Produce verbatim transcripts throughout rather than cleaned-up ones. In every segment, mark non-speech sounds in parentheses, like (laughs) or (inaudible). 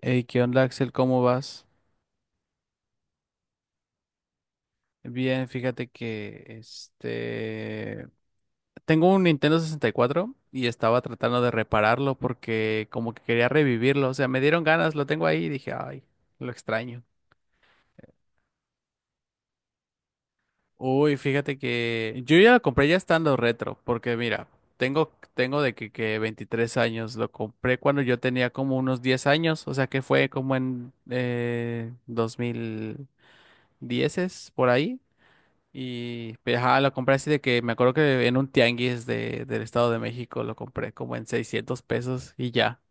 Hey, ¿qué onda, Axel? ¿Cómo vas? Bien, fíjate que este tengo un Nintendo sesenta y cuatro y cuatro y estaba tratando de repararlo porque como que quería revivirlo, o sea, me dieron ganas, lo tengo ahí y dije, ay, lo extraño. Uy, fíjate que yo ya lo compré ya estando retro, porque mira, tengo tengo de que, que veintitrés años, lo compré cuando yo tenía como unos diez años, o sea, que fue como en eh, dos mil diez por ahí. Y pues, ajá, lo compré así de que me acuerdo que en un tianguis de, del Estado de México lo compré como en seiscientos pesos y ya.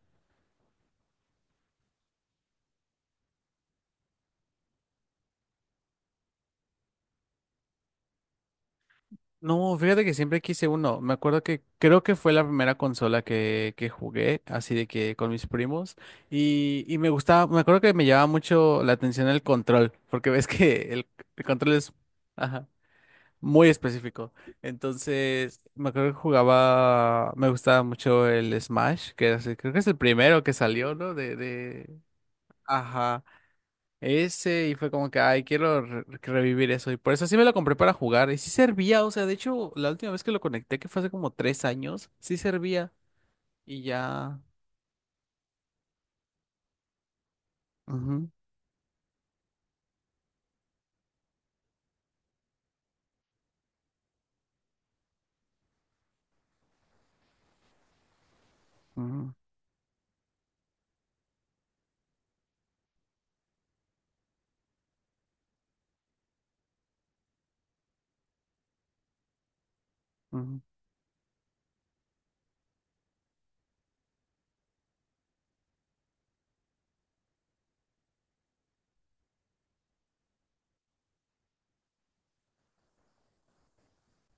No, fíjate que siempre quise uno. Me acuerdo que creo que fue la primera consola que, que jugué, así de que con mis primos. Y, y me gustaba, me acuerdo que me llamaba mucho la atención el control, porque ves que el, el control es, ajá, muy específico. Entonces, me acuerdo que jugaba, me gustaba mucho el Smash, que era así- creo que es el primero que salió, ¿no? De, de, Ajá, ese y fue como que, ay, quiero re- revivir eso. Y por eso sí me lo compré para jugar. Y sí servía, o sea, de hecho, la última vez que lo conecté, que fue hace como tres años, sí servía. Y ya. Ujú, ujú, ujú.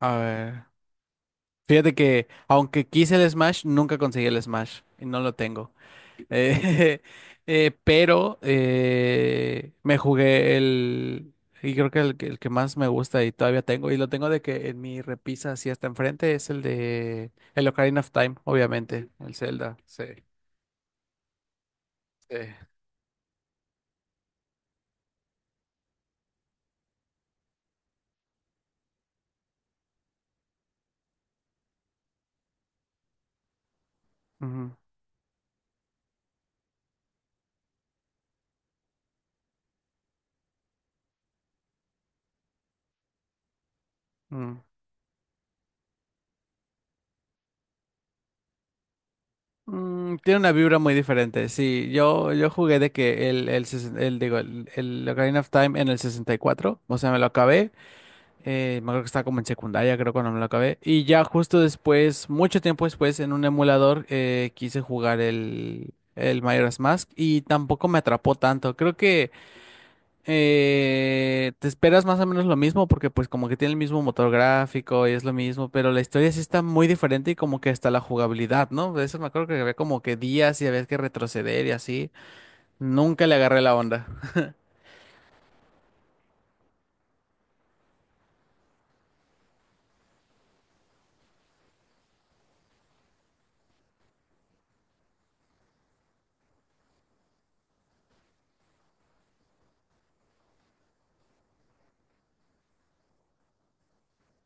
A ver. Fíjate que, aunque quise el Smash, nunca conseguí el Smash. Y no lo tengo. Eh, (laughs) eh, pero eh, me jugué el, y creo que el, que el que más me gusta y todavía tengo, y lo tengo de que en mi repisa así hasta enfrente, es el de el Ocarina of Time, obviamente, el Zelda, sí. Sí. Ujú, mm. Mm, tiene una vibra muy diferente, sí, yo, yo jugué de que el, el, sesen- el, digo, el, el Ocarina of Time en el sesenta y cuatro, o sea, me lo acabé. Eh, me acuerdo que estaba como en secundaria, creo, cuando me lo acabé. Y ya justo después, mucho tiempo después, en un emulador, eh, quise jugar el, el Majora's Mask y tampoco me atrapó tanto. Creo que eh, te esperas más o menos lo mismo porque pues como que tiene el mismo motor gráfico y es lo mismo, pero la historia sí está muy diferente y como que hasta la jugabilidad, ¿no? De eso me acuerdo que había como que días y había que retroceder y así. Nunca le agarré la onda.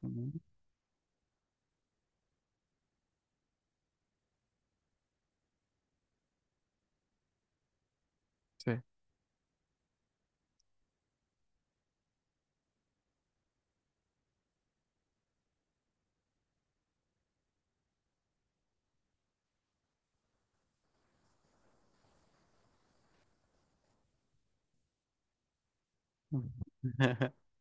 Ujú, sí. (laughs)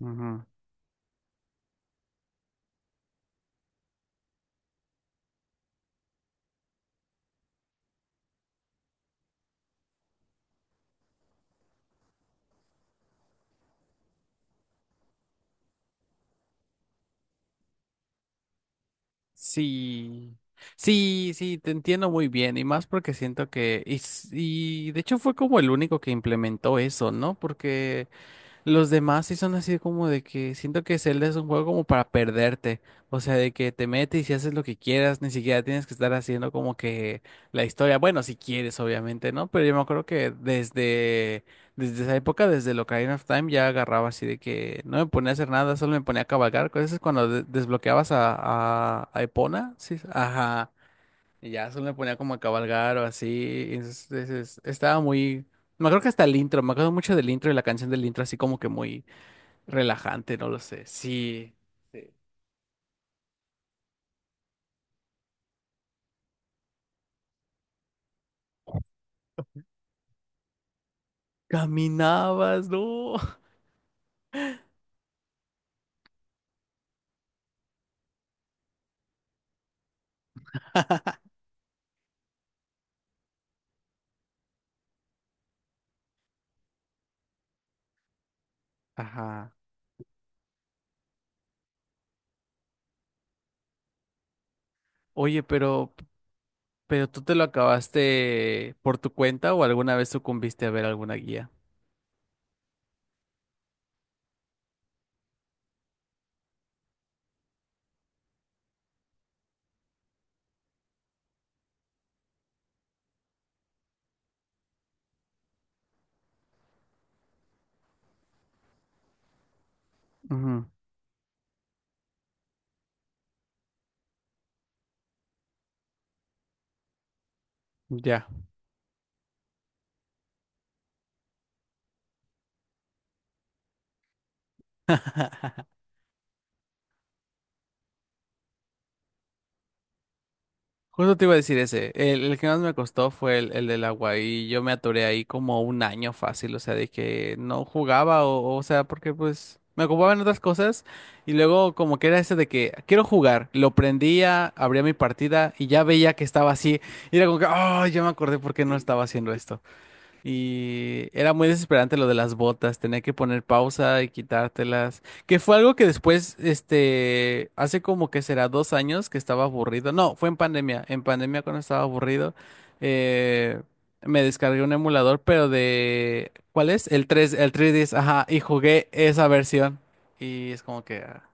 Ujú. Sí, sí, sí, te entiendo muy bien y más porque siento que, y, s- y de hecho fue como el único que implementó eso, ¿no? Porque los demás sí son así como de que siento que Zelda es un juego como para perderte, o sea, de que te metes y haces lo que quieras, ni siquiera tienes que estar haciendo como que la historia, bueno, si quieres, obviamente, ¿no? Pero yo me acuerdo que desde, desde esa época, desde el Ocarina of Time, ya agarraba así de que no me ponía a hacer nada, solo me ponía a cabalgar, cosas es cuando de- desbloqueabas a, a, a Epona, sí, ajá, y ya solo me ponía como a cabalgar o así. Entonces, es- estaba muy. Me acuerdo que hasta el intro, me acuerdo mucho del intro y la canción del intro así como que muy relajante, no lo sé. Sí. Sí. Caminabas, ¿no? (laughs) Ajá. Oye, pero, pero ¿tú te lo acabaste por tu cuenta o alguna vez sucumbiste a ver alguna guía? Ujú, ya. (laughs) Justo te iba a decir ese. El, el que más me costó fue el, el del agua y yo me atoré ahí como un año fácil, o sea, de que no jugaba o, o sea, porque pues me ocupaba en otras cosas y luego como que era ese de que quiero jugar, lo prendía, abría mi partida y ya veía que estaba así y era como que, oh, ya me acordé por qué no estaba haciendo esto. Y era muy desesperante lo de las botas, tenía que poner pausa y quitártelas, que fue algo que después, este, hace como que será dos años que estaba aburrido, no, fue en pandemia, en pandemia cuando estaba aburrido, eh, me descargué un emulador, pero de, ¿cuál es? El tres el tres D S, ajá, y jugué esa versión, y es como que, ah,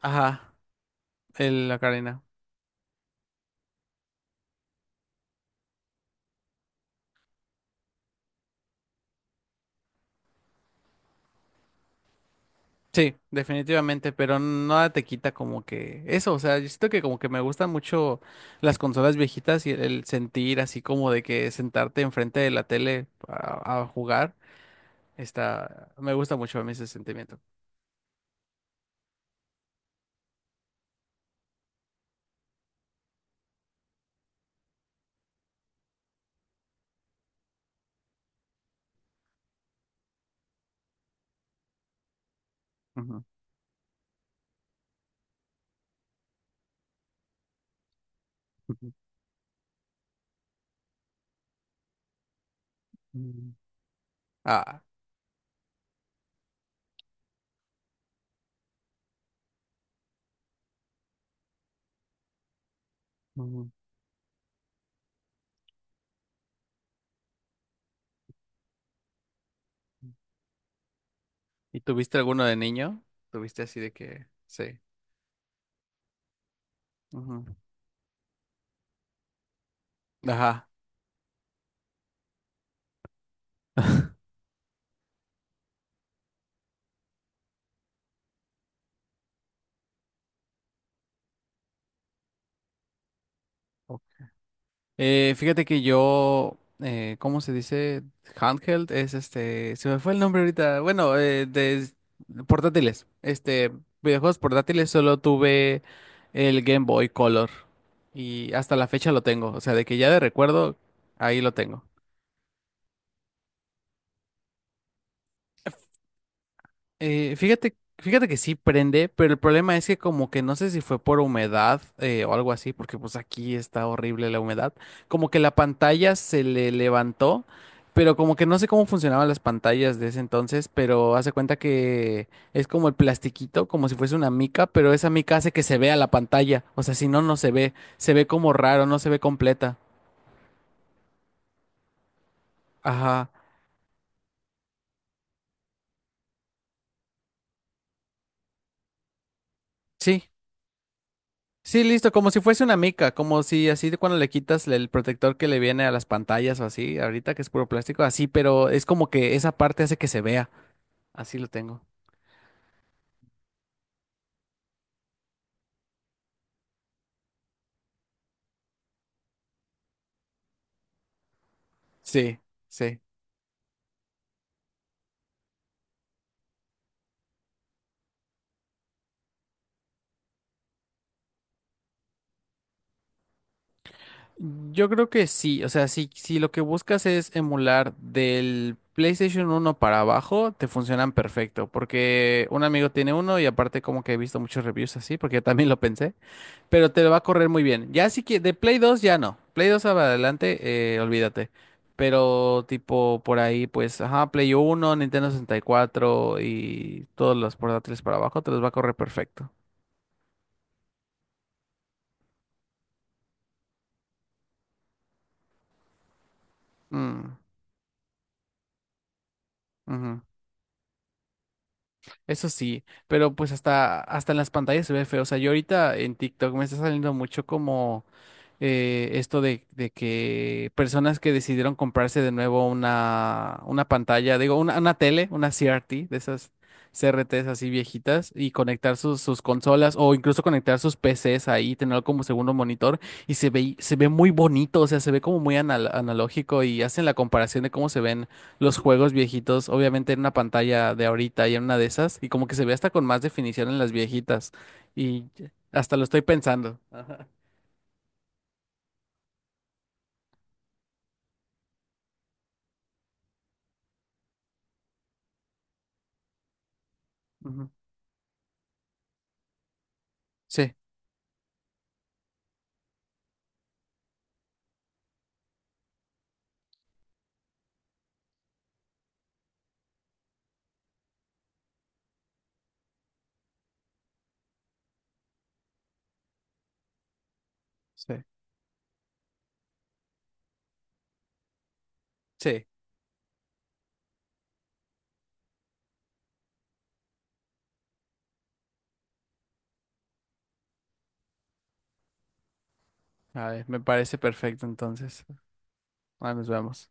ajá, el, la sí, definitivamente, pero nada te quita como que eso, o sea, yo siento que como que me gustan mucho las consolas viejitas y el, el sentir así como de que sentarte enfrente de la tele a, a jugar, está, me gusta mucho a mí ese sentimiento. Ujú, ujú, ujú. Ah, ujú. ¿Y tuviste alguno de niño? ¿Tuviste así de que, sí? Ujú. Ajá. (laughs) Eh, fíjate que yo, eh, ¿cómo se dice? Handheld es este, se me fue el nombre ahorita. Bueno, eh, de portátiles. Este, videojuegos portátiles solo tuve el Game Boy Color y hasta la fecha lo tengo. O sea, de que ya de recuerdo, ahí lo tengo. Eh, fíjate, fíjate que sí prende, pero el problema es que como que no sé si fue por humedad eh, o algo así, porque pues aquí está horrible la humedad, como que la pantalla se le levantó, pero como que no sé cómo funcionaban las pantallas de ese entonces, pero hace cuenta que es como el plastiquito, como si fuese una mica, pero esa mica hace que se vea la pantalla, o sea, si no, no se ve, se ve como raro, no se ve completa. Ajá, sí. Sí, listo, como si fuese una mica, como si así de cuando le quitas el protector que le viene a las pantallas o así, ahorita que es puro plástico, así, pero es como que esa parte hace que se vea. Así lo tengo. Sí, sí. Yo creo que sí, o sea, si, si lo que buscas es emular del PlayStation uno para abajo, te funcionan perfecto, porque un amigo tiene uno y aparte como que he visto muchos reviews así, porque yo también lo pensé. Pero te lo va a correr muy bien. Ya sí que de Play dos ya no. Play dos para adelante, eh, olvídate. Pero tipo por ahí, pues, ajá, Play uno Nintendo sesenta y cuatro y cuatro y todos los portátiles para abajo te los va a correr perfecto. Mm, ujú. Eso sí, pero pues hasta, hasta en las pantallas se ve feo. O sea, yo ahorita en TikTok me está saliendo mucho como eh, esto de, de que personas que decidieron comprarse de nuevo una, una pantalla, digo, una, una tele, una C R T, de esas C R Ts así viejitas, y conectar sus, sus consolas o incluso conectar sus P Cs ahí, tenerlo como segundo monitor, y se ve, se ve muy bonito, o sea, se ve como muy anal- analógico y hacen la comparación de cómo se ven los juegos viejitos, obviamente en una pantalla de ahorita y en una de esas, y como que se ve hasta con más definición en las viejitas, y hasta lo estoy pensando. Ajá. Ujú. Sí. Sí. Sí. A ver, me parece perfecto entonces. Ah, nos vemos.